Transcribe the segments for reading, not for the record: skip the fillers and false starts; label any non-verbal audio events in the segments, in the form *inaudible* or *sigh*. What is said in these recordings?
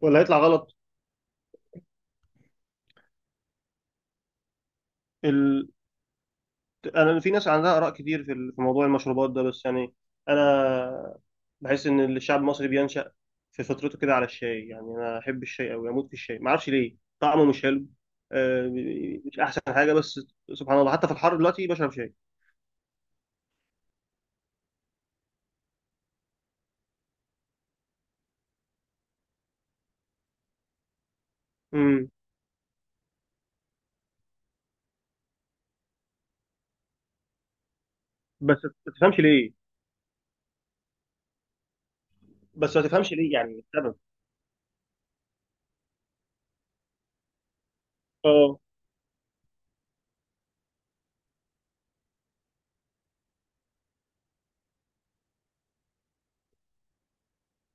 ولا هيطلع غلط. ال... انا في ناس عندها اراء كتير في موضوع المشروبات ده، بس يعني انا بحس ان الشعب المصري بينشأ في فطرته كده على الشاي. يعني انا احب الشاي قوي، اموت في الشاي، ما اعرفش ليه طعمه مش حلو. آه، مش احسن حاجه، بس سبحان الله حتى في الحر دلوقتي بشرب شاي. امم. بس ما تفهمش ليه بس ما تفهمش ليه يعني السبب. اه،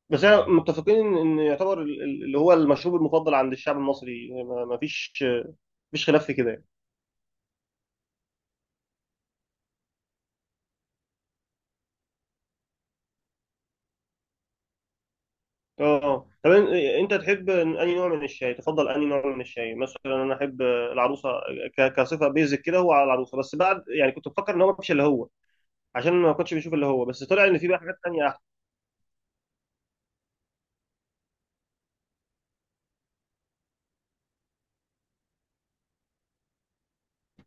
بس احنا متفقين ان يعتبر اللي هو المشروب المفضل عند الشعب المصري، ما ما فيش مفيش خلاف في كده. اه طب. انت تحب انهي نوع من الشاي؟ تفضل انهي نوع من الشاي؟ مثلا انا احب العروسه. كصفه بيزك كده هو على العروسه، بس بعد يعني كنت بفكر ان هو مش اللي هو، عشان ما كنتش بشوف اللي هو، بس طلع ان في بقى حاجات تانية احلى.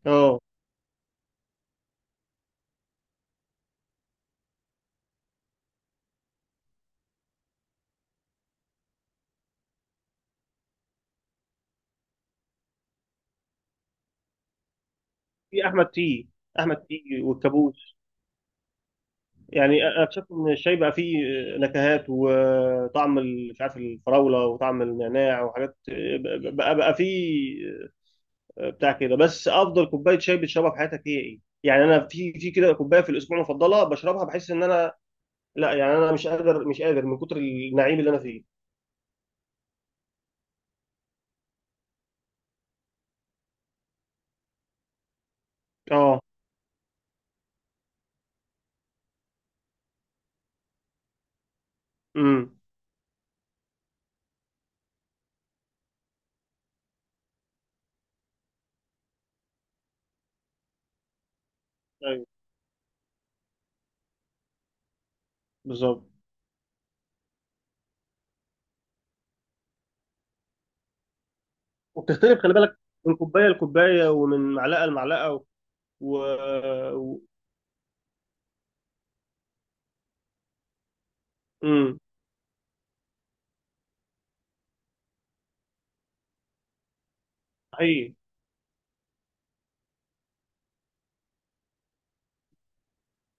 اه، في احمد تي. احمد تي والكابوس. يعني اكتشفت ان الشاي بقى فيه نكهات وطعم مش عارف الفراوله وطعم النعناع وحاجات بقى فيه، آه، بتاع كده. بس افضل كوبايه شاي بتشربها في حياتك هي ايه؟ يعني انا في كده كوبايه في الاسبوع مفضله بشربها، بحس ان انا، لا يعني انا مش قادر مش قادر من كتر النعيم اللي انا فيه. اه. امم. ايوه. بالظبط. وبتختلف، خلي بالك، من كوبايه لكوبايه ومن معلقه لمعلقه. و, و... امم. صحيح.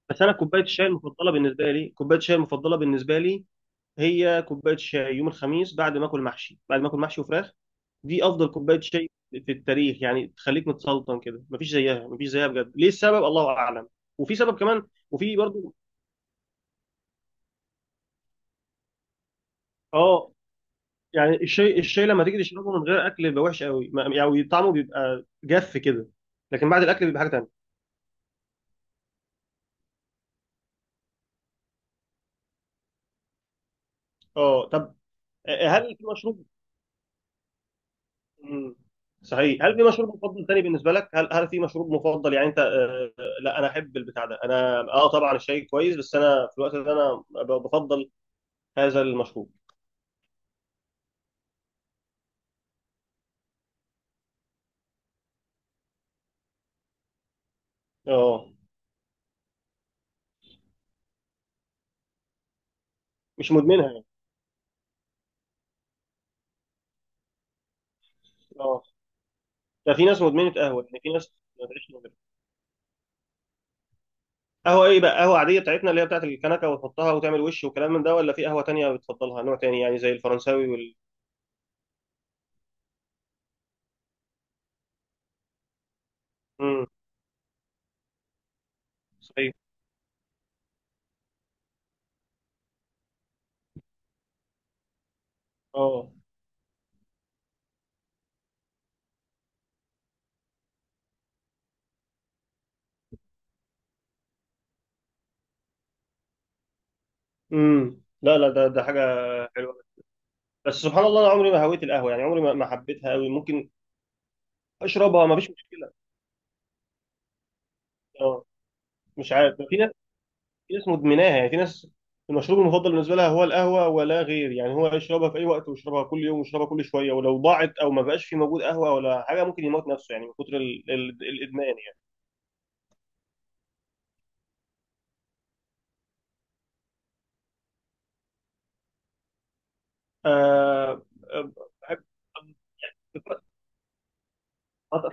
بس انا كوبايه الشاي المفضله بالنسبه لي هي كوبايه شاي يوم الخميس، بعد ما اكل محشي وفراخ. دي افضل كوبايه شاي في التاريخ، يعني تخليك متسلطن كده، مفيش زيها مفيش زيها بجد، ليه السبب؟ الله اعلم. وفي سبب كمان، وفي برضو. اه، يعني الشاي لما تيجي تشربه من غير اكل بيبقى وحش قوي، يعني طعمه بيبقى جف كده. لكن بعد الاكل بيبقى حاجه تانيه. اه طب. هل في مشروب مم. صحيح. هل في مشروب مفضل تاني بالنسبه لك؟ هل في مشروب مفضل، يعني انت، آه، لا انا احب البتاع ده. انا، طبعا الشاي كويس، بس انا في الوقت ده انا بفضل هذا المشروب. اه، مش مدمنها يعني. اه، ده في ناس مدمنه قهوه، يعني في ناس ما تعيش من غيرها. قهوه ايه بقى؟ قهوه عاديه بتاعتنا، اللي هي بتاعت الكنكه وتحطها وتعمل وش وكلام من ده، ولا في قهوه تانية بتفضلها نوع تاني، يعني زي الفرنساوي امم. صحيح. اه. امم. لا لا، ده حاجه حلوه. بس سبحان الله، انا عمري ما هويت القهوه، يعني عمري ما حبيتها قوي، ممكن اشربها ما فيش مشكله. اه، مش عارف. في ناس مدمناها، يعني في ناس المشروب المفضل بالنسبه لها هو القهوه ولا غير، يعني هو يشربها في اي وقت ويشربها كل يوم ويشربها كل شويه، ولو ضاعت او ما بقاش في موجود قهوه ولا حاجه ممكن يموت نفسه، يعني من كتر الادمان يعني. آه، آه، بحب-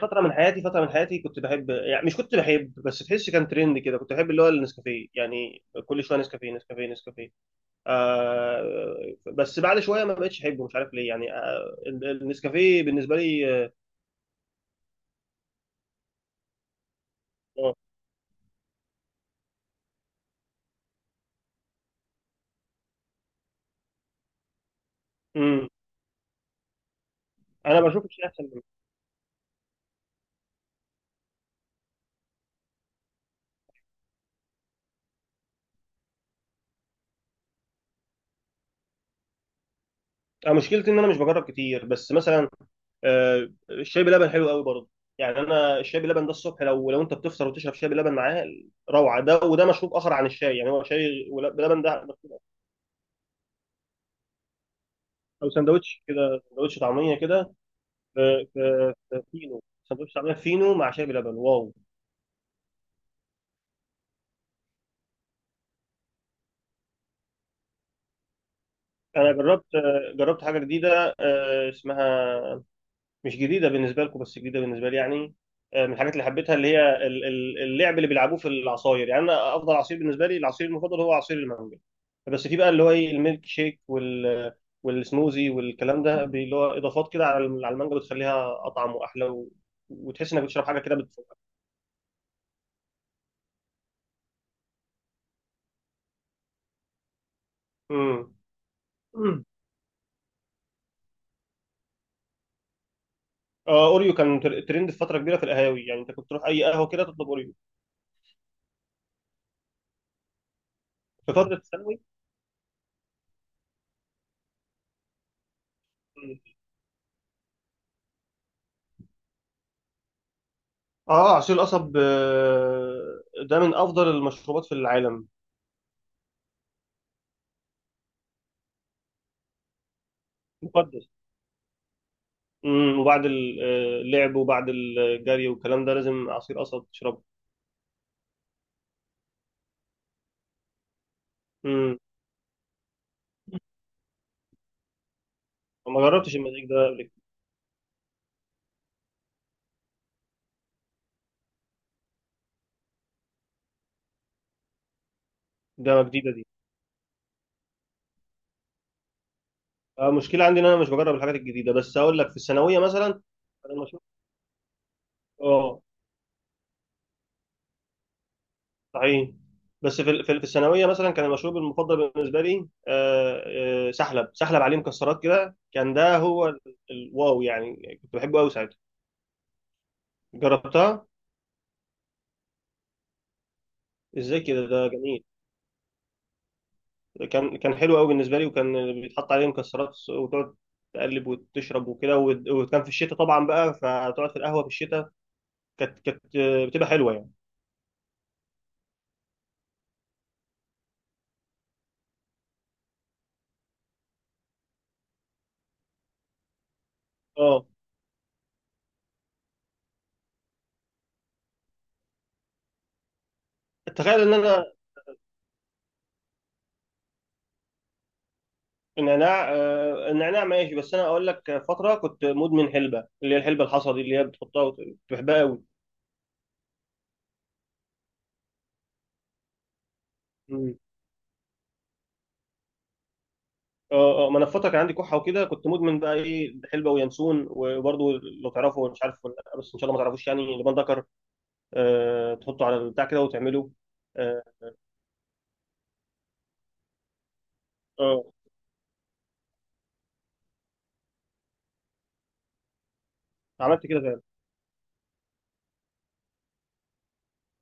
فتره من حياتي كنت بحب، يعني مش كنت بحب، بس تحس كان ترند كده، كنت بحب اللي هو النسكافيه، يعني كل شويه نسكافيه نسكافيه نسكافيه. آه، بس بعد شويه ما بقتش احبه، مش عارف ليه يعني. آه، النسكافيه بالنسبه لي، آه، آه. مم. انا بشوف الشاي احسن منه. آه، مشكلتي ان انا مش بجرب كتير، بس مثلا آه، الشاي بلبن حلو قوي برضه. يعني انا الشاي بلبن ده الصبح، لو انت بتفطر وتشرب شاي بلبن معاه روعه. ده وده مشروب اخر عن الشاي، يعني هو شاي بلبن ده مشروب آخر. او سندوتش كده، سندوتش طعميه كده. في فينو. سندوتش طعميه فينو مع شاي بلبن، واو. انا جربت، آه، جربت حاجه جديده، آه، اسمها، مش جديده بالنسبه لكم بس جديده بالنسبه لي يعني. آه، من الحاجات اللي حبيتها اللي هي اللعب اللي بيلعبوه في العصاير. يعني انا افضل عصير بالنسبه لي، العصير المفضل هو عصير المانجا. بس في بقى اللي هو ايه، الميلك شيك والسموزي والكلام ده، اللي هو اضافات كده على على المانجا، بتخليها اطعم واحلى وتحس انك بتشرب حاجه كده بتفوقك. امم. أمم. *clears throat* آه، اوريو كان ترند في فتره كبيره في القهاوي. يعني انت كنت تروح اي قهوه كده تطلب اوريو. في فتره الثانوي. أمم. اه، عصير القصب، آه، ده من افضل المشروبات في العالم. مقدس. امم. وبعد آه، اللعب وبعد الجري والكلام ده لازم عصير قصب تشربه. امم. ما جربتش المزيج ده قبل كده. ده جديده دي. آه، المشكله عندي ان انا مش بجرب الحاجات الجديده، بس اقول لك في الثانويه مثلا كان المشروب. اه، صحيح. بس في الثانويه مثلا كان المشروب المفضل بالنسبه لي، آه، آه، سحلب. سحلب عليه مكسرات كده، كان ده هو الواو، يعني كنت بحبه قوي ساعتها. جربتها. ازاي كده؟ ده جميل. كان حلو قوي بالنسبه لي، وكان بيتحط عليه مكسرات وتقعد تقلب وتشرب وكده وكان في الشتاء طبعا بقى، فتقعد في القهوه في الشتاء، كانت بتبقى حلوه يعني. اه، تخيل ان انا النعناع، آه، النعناع ماشي. بس انا اقول لك فتره كنت مدمن حلبه، اللي هي الحلبه الحصى دي، اللي هي بتحطها كنت بحبها قوي. مم. اه، اه، ما انا في فتره كان عندي كحه وكده كنت مدمن بقى ايه، حلبه وينسون وبرضه، لو تعرفوا مش عارف ولا لأ، بس ان شاء الله ما تعرفوش، يعني لبان دكر. آه، تحطه على البتاع كده وتعمله. آه، آه. عملت كده فعلا.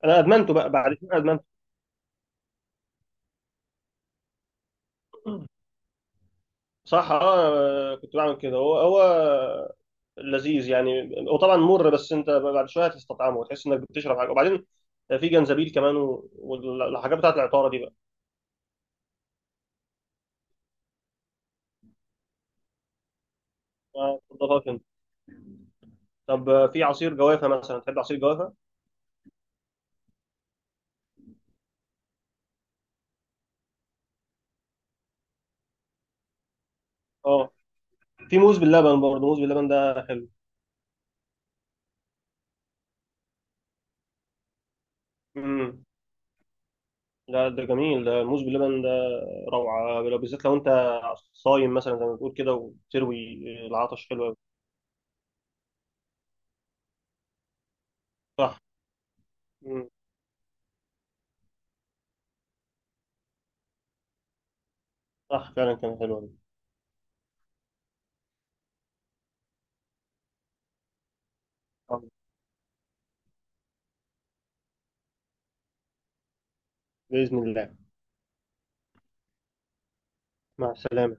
انا ادمنته بقى بعد كده، ادمنته. صح. اه، كنت بعمل كده. هو هو لذيذ، يعني هو طبعا مر، بس انت بعد شويه هتستطعمه وتحس انك بتشرب حاجه، وبعدين في جنزبيل كمان والحاجات بتاعت العطاره دي بقى. ما تفضلهاش انت؟ طب في عصير جوافه مثلا؟ تحب عصير جوافه؟ اه، في موز باللبن برضه، موز باللبن ده حلو. امم. لا، ده جميل ده، الموز باللبن ده روعه، لو بالذات لو انت صايم مثلا زي ما بتقول كده، وتروي العطش حلو قوي. صح. صح فعلا، كان حلو والله. آه، بإذن الله. مع السلامة.